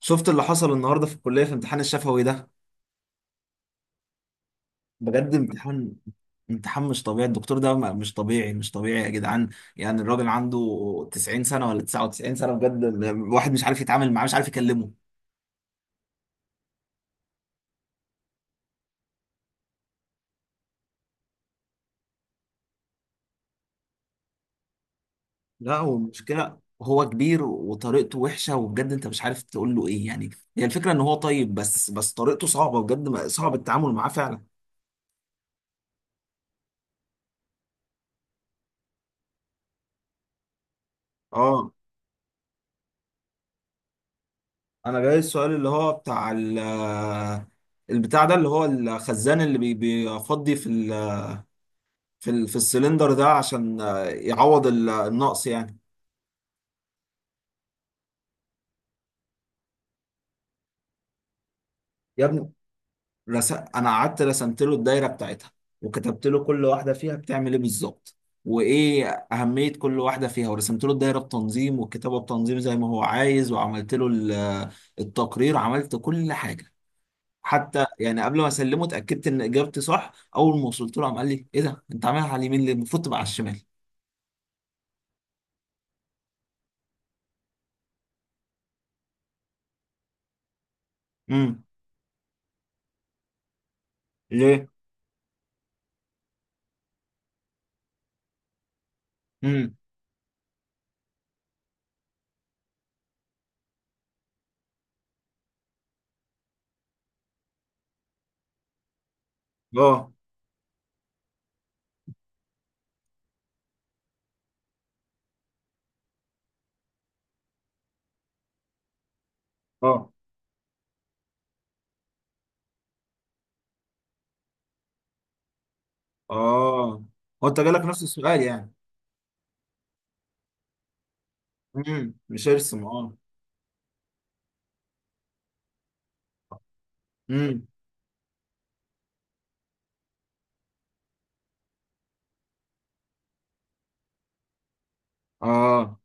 شفت اللي حصل النهارده في الكليه في امتحان الشفوي ده. بجد امتحان مش طبيعي. الدكتور ده مش طبيعي يا جدعان. يعني الراجل عنده 90 سنه ولا 99 سنه بجد. الواحد مش عارف يتعامل معاه، مش عارف يكلمه. لا، والمشكله هو كبير وطريقته وحشه، وبجد انت مش عارف تقول له ايه يعني. هي الفكره ان هو طيب، بس طريقته صعبه بجد، صعب التعامل معاه فعلا. اه، انا جاي السؤال اللي هو بتاع البتاع ده، اللي هو الخزان اللي بيفضي في السلندر ده عشان يعوض النقص يعني. يا ابني، انا قعدت رسمت له الدايره بتاعتها، وكتبت له كل واحده فيها بتعمل ايه بالظبط، وايه اهميه كل واحده فيها، ورسمت له الدايره بتنظيم والكتابه بتنظيم زي ما هو عايز، وعملت له التقرير، عملت كل حاجه. حتى يعني قبل ما اسلمه اتاكدت ان اجابتي صح. اول ما وصلت له عم قال لي ايه ده، انت عاملها على اليمين ليه؟ المفروض تبقى على الشمال. امم. ليه؟ امم. اه. اه. اه. هو انت جالك نفس السؤال يعني؟ امم، مش ارسم، اه. امم. اه.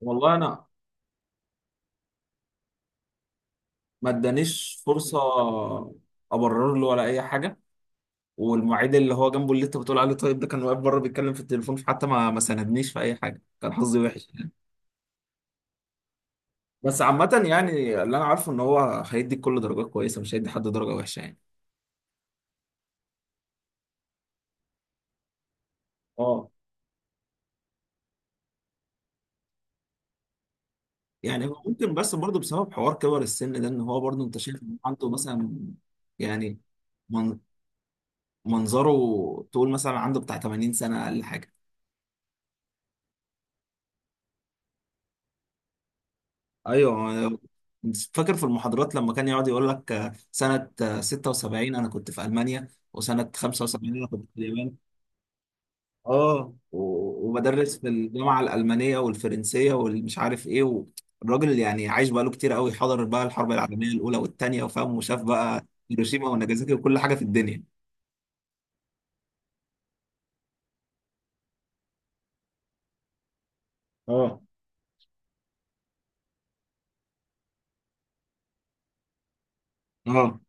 والله انا ما ادانيش فرصه ابرر له ولا اي حاجه. والمعيد اللي هو جنبه اللي انت بتقول عليه، طيب ده كان واقف بره بيتكلم في التليفون، فحتى ما ساندنيش في اي حاجه، كان حظي وحش يعني. بس عامه يعني، اللي انا عارفه ان هو هيدي كل درجات كويسه، مش هيدي حد درجه وحشه يعني. اه. يعني هو ممكن بس برضه بسبب حوار كبر السن ده، ان هو برضه انت شايف إن عنده مثلا يعني من- منظره تقول مثلا عنده بتاع 80 سنه اقل حاجه. ايوه. فاكر في المحاضرات لما كان يقعد يقول لك سنه 76 انا كنت في المانيا، وسنه 75 انا كنت في اليابان. اه، وبدرس في الجامعه الالمانيه والفرنسيه والمش عارف ايه. والراجل يعني عايش بقاله كتير قوي، حضر بقى الحرب العالميه الاولى والثانيه، وفاهم، وشاف بقى هيروشيما وناجازاكي وكل حاجه في الدنيا. اه. اه.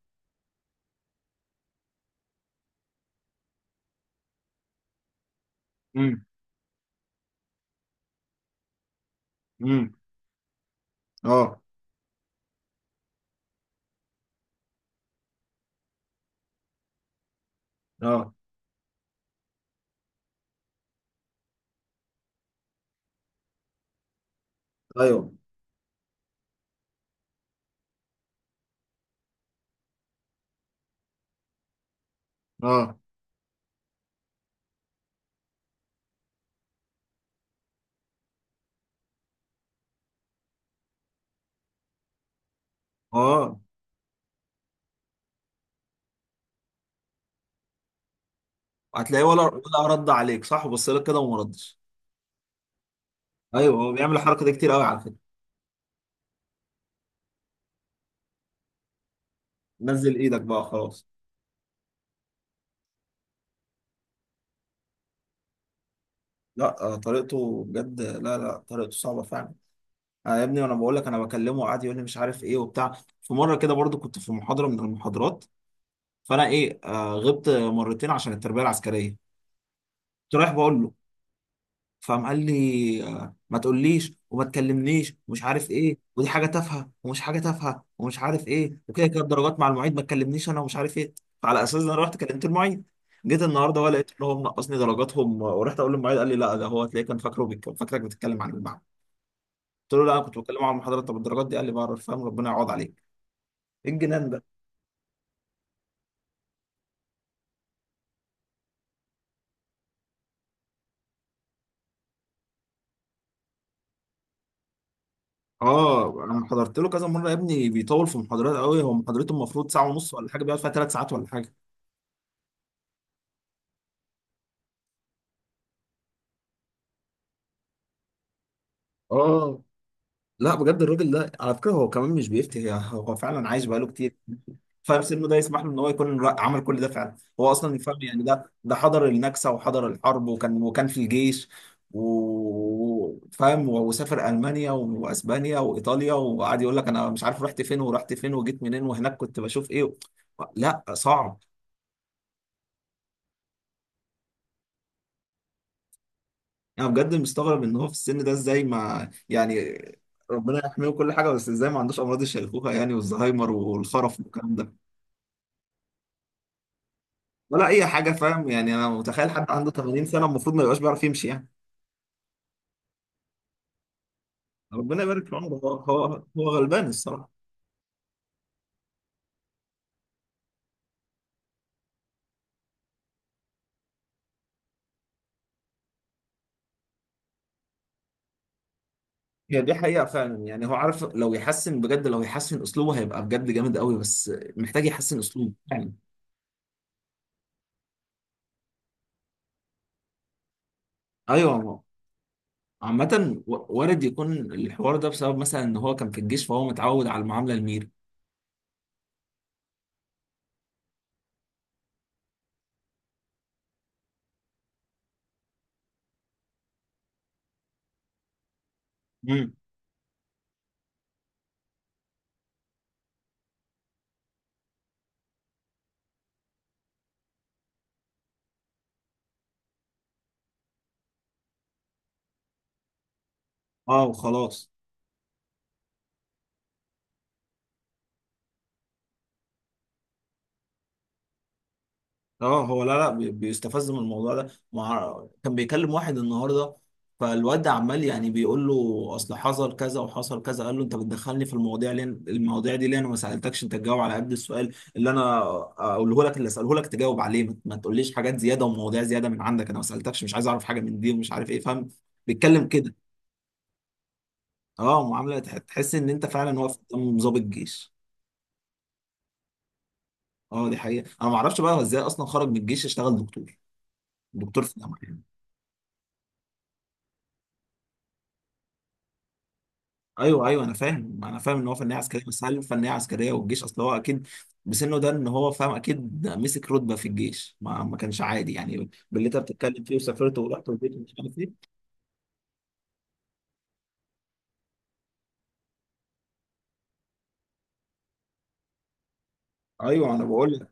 امم. امم. اه. اه. ايوه. اه. اه، هتلاقيه ولا رد عليك؟ صح، بص لك كده وما ردش. ايوه، هو بيعمل الحركه دي كتير قوي على فكره. نزل ايدك بقى خلاص. لا، طريقته بجد، لا لا، طريقته صعبه فعلا. انا يا ابني وانا بقول لك، انا بكلمه قاعد يقول لي مش عارف ايه وبتاع. في مره كده برضو كنت في محاضره من المحاضرات، فانا ايه غبت مرتين عشان التربيه العسكريه، كنت رايح بقول له، فقام قال لي ما تقوليش وما تكلمنيش ومش عارف ايه، ودي حاجه تافهه ومش حاجه تافهه ومش عارف ايه، وكده كده الدرجات مع المعيد، ما تكلمنيش انا ومش عارف ايه. فعلى اساس ده انا رحت كلمت المعيد. جيت النهارده بقى لقيت ان هو منقصني درجاتهم، ورحت اقول للمعيد قال لي لا، ده هو هتلاقيه كان فاكرك بتتكلم عن المعهد. قلت له لا، انا كنت بتكلم عن المحاضرات. طب الدرجات دي؟ قال لي بعرف، فاهم، ربنا يعوض عليك. ايه الجنان ده! اه، انا حضرت له كذا مره يا ابني، بيطول في المحاضرات قوي. هو محاضرته المفروض ساعه ونص ولا حاجه، بيقعد فيها ثلاث ساعات ولا حاجه. اه، لا بجد الراجل ده على فكره هو كمان مش بيفتي، هو فعلا عايش بقاله كتير، فسنه ده يسمح له ان هو يكون عمل كل ده، فعلا هو اصلا يفهم يعني. ده حضر النكسه وحضر الحرب، وكان في الجيش، وفاهم، وسافر المانيا واسبانيا وايطاليا، وقعد يقول لك انا مش عارف رحت فين ورحت فين وجيت منين، وهناك كنت بشوف ايه. لا، صعب. انا بجد مستغرب ان هو في السن ده ازاي، ما يعني، ربنا يحميه كل حاجه، بس ازاي ما عندوش امراض الشيخوخه يعني، والزهايمر والخرف والكلام ده؟ ولا اي حاجه، فاهم يعني. انا متخيل حد عنده 80 سنه المفروض ما يبقاش بيعرف يمشي يعني. ربنا يبارك في عمره. هو هو غلبان الصراحه. هي دي حقيقه فعلا يعني، هو عارف لو يحسن بجد، لو يحسن اسلوبه هيبقى بجد جامد قوي، بس محتاج يحسن اسلوبه فعلا. ايوه، عامه، وارد يكون الحوار ده بسبب مثلا ان هو كان في الجيش، فهو متعود على المعامله الميري. امم. اه، وخلاص. اه، هو لا لا بيستفز من الموضوع ده. كان بيكلم واحد النهارده، فالواد عمال يعني بيقول له اصل حصل كذا وحصل كذا، قال له انت بتدخلني في المواضيع ليه؟ المواضيع دي ليه؟ انا ما سالتكش، انت تجاوب على قد السؤال اللي انا اقوله لك، اللي اساله لك تجاوب عليه، ما تقوليش حاجات زياده ومواضيع زياده من عندك. انا ما سالتكش، مش عايز اعرف حاجه من دي، ومش عارف ايه، فاهم؟ بيتكلم كده. اه، معامله تحس ان انت فعلا واقف قدام ضابط جيش. اه، دي حقيقه. انا ما اعرفش بقى هو ازاي اصلا خرج من الجيش اشتغل دكتور، دكتور في الجامعه. ايوه ايوه، انا فاهم، انا فاهم ان هو فنيه عسكريه، بس هل فنيه عسكريه والجيش؟ اصل هو اكيد بسنه ده ان هو فاهم اكيد مسك رتبه في الجيش، ما كانش عادي يعني باللي انت بتتكلم فيه، وسافرت ورحت وجيت ومش عارف ايه. ايوه، انا بقول لك،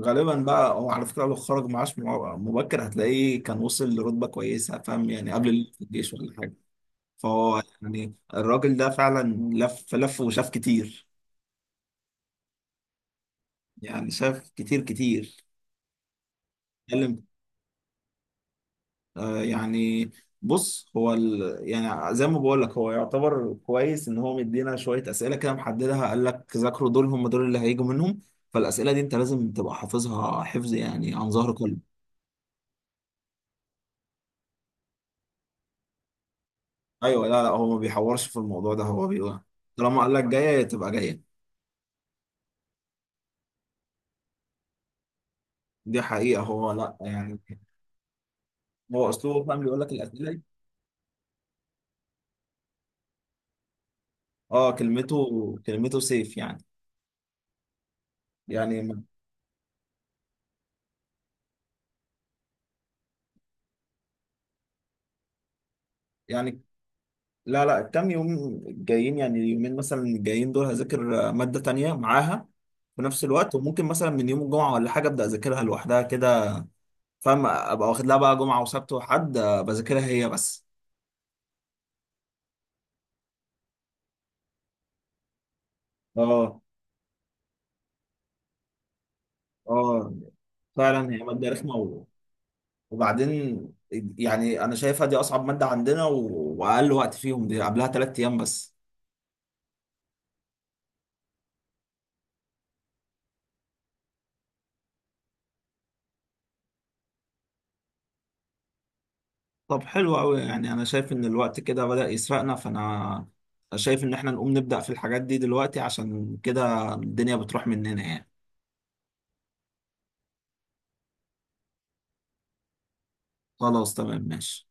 غالبا بقى هو على فكره لو خرج معاش مبكر، هتلاقيه كان وصل لرتبه كويسه، فاهم يعني، قبل اللي في الجيش ولا حاجه. فهو يعني الراجل ده فعلا لف وشاف كتير يعني، شاف كتير كتير. اتكلم. يعني بص هو يعني زي ما بقول لك هو يعتبر كويس ان هو مدينا شويه اسئله كده محددها، قال لك ذاكروا دول، هم دول اللي هيجوا منهم. فالاسئله دي انت لازم تبقى حافظها حفظ يعني، عن ظهر قلب. ايوه، لا لا هو ما بيحورش في الموضوع ده، هو بيقول طالما قال لك جايه تبقى جايه. دي حقيقه. هو لا يعني، هو اسلوبه فاهم بيقول لك الاسئله دي. اه، كلمته، كلمته سيف يعني. يعني. يعني، لا لا، الكام يوم الجايين يعني، اليومين مثلا الجايين دول هذاكر مادة تانية معاها في نفس الوقت، وممكن مثلا من يوم الجمعة ولا حاجة أبدأ أذاكرها لوحدها كده، فاهم، أبقى واخد لها بقى جمعة وسبت وحد، بذاكرها هي بس. اه. اه. فعلا هي مادة رخمة، وبعدين يعني أنا شايفها دي أصعب مادة عندنا، وأقل وقت فيهم دي، قبلها تلات أيام بس. طب حلو قوي. يعني انا شايف ان الوقت كده بدأ يسرقنا، فانا شايف ان احنا نقوم نبدأ في الحاجات دي دلوقتي، عشان كده الدنيا بتروح مننا يعني. خلاص تمام ماشي.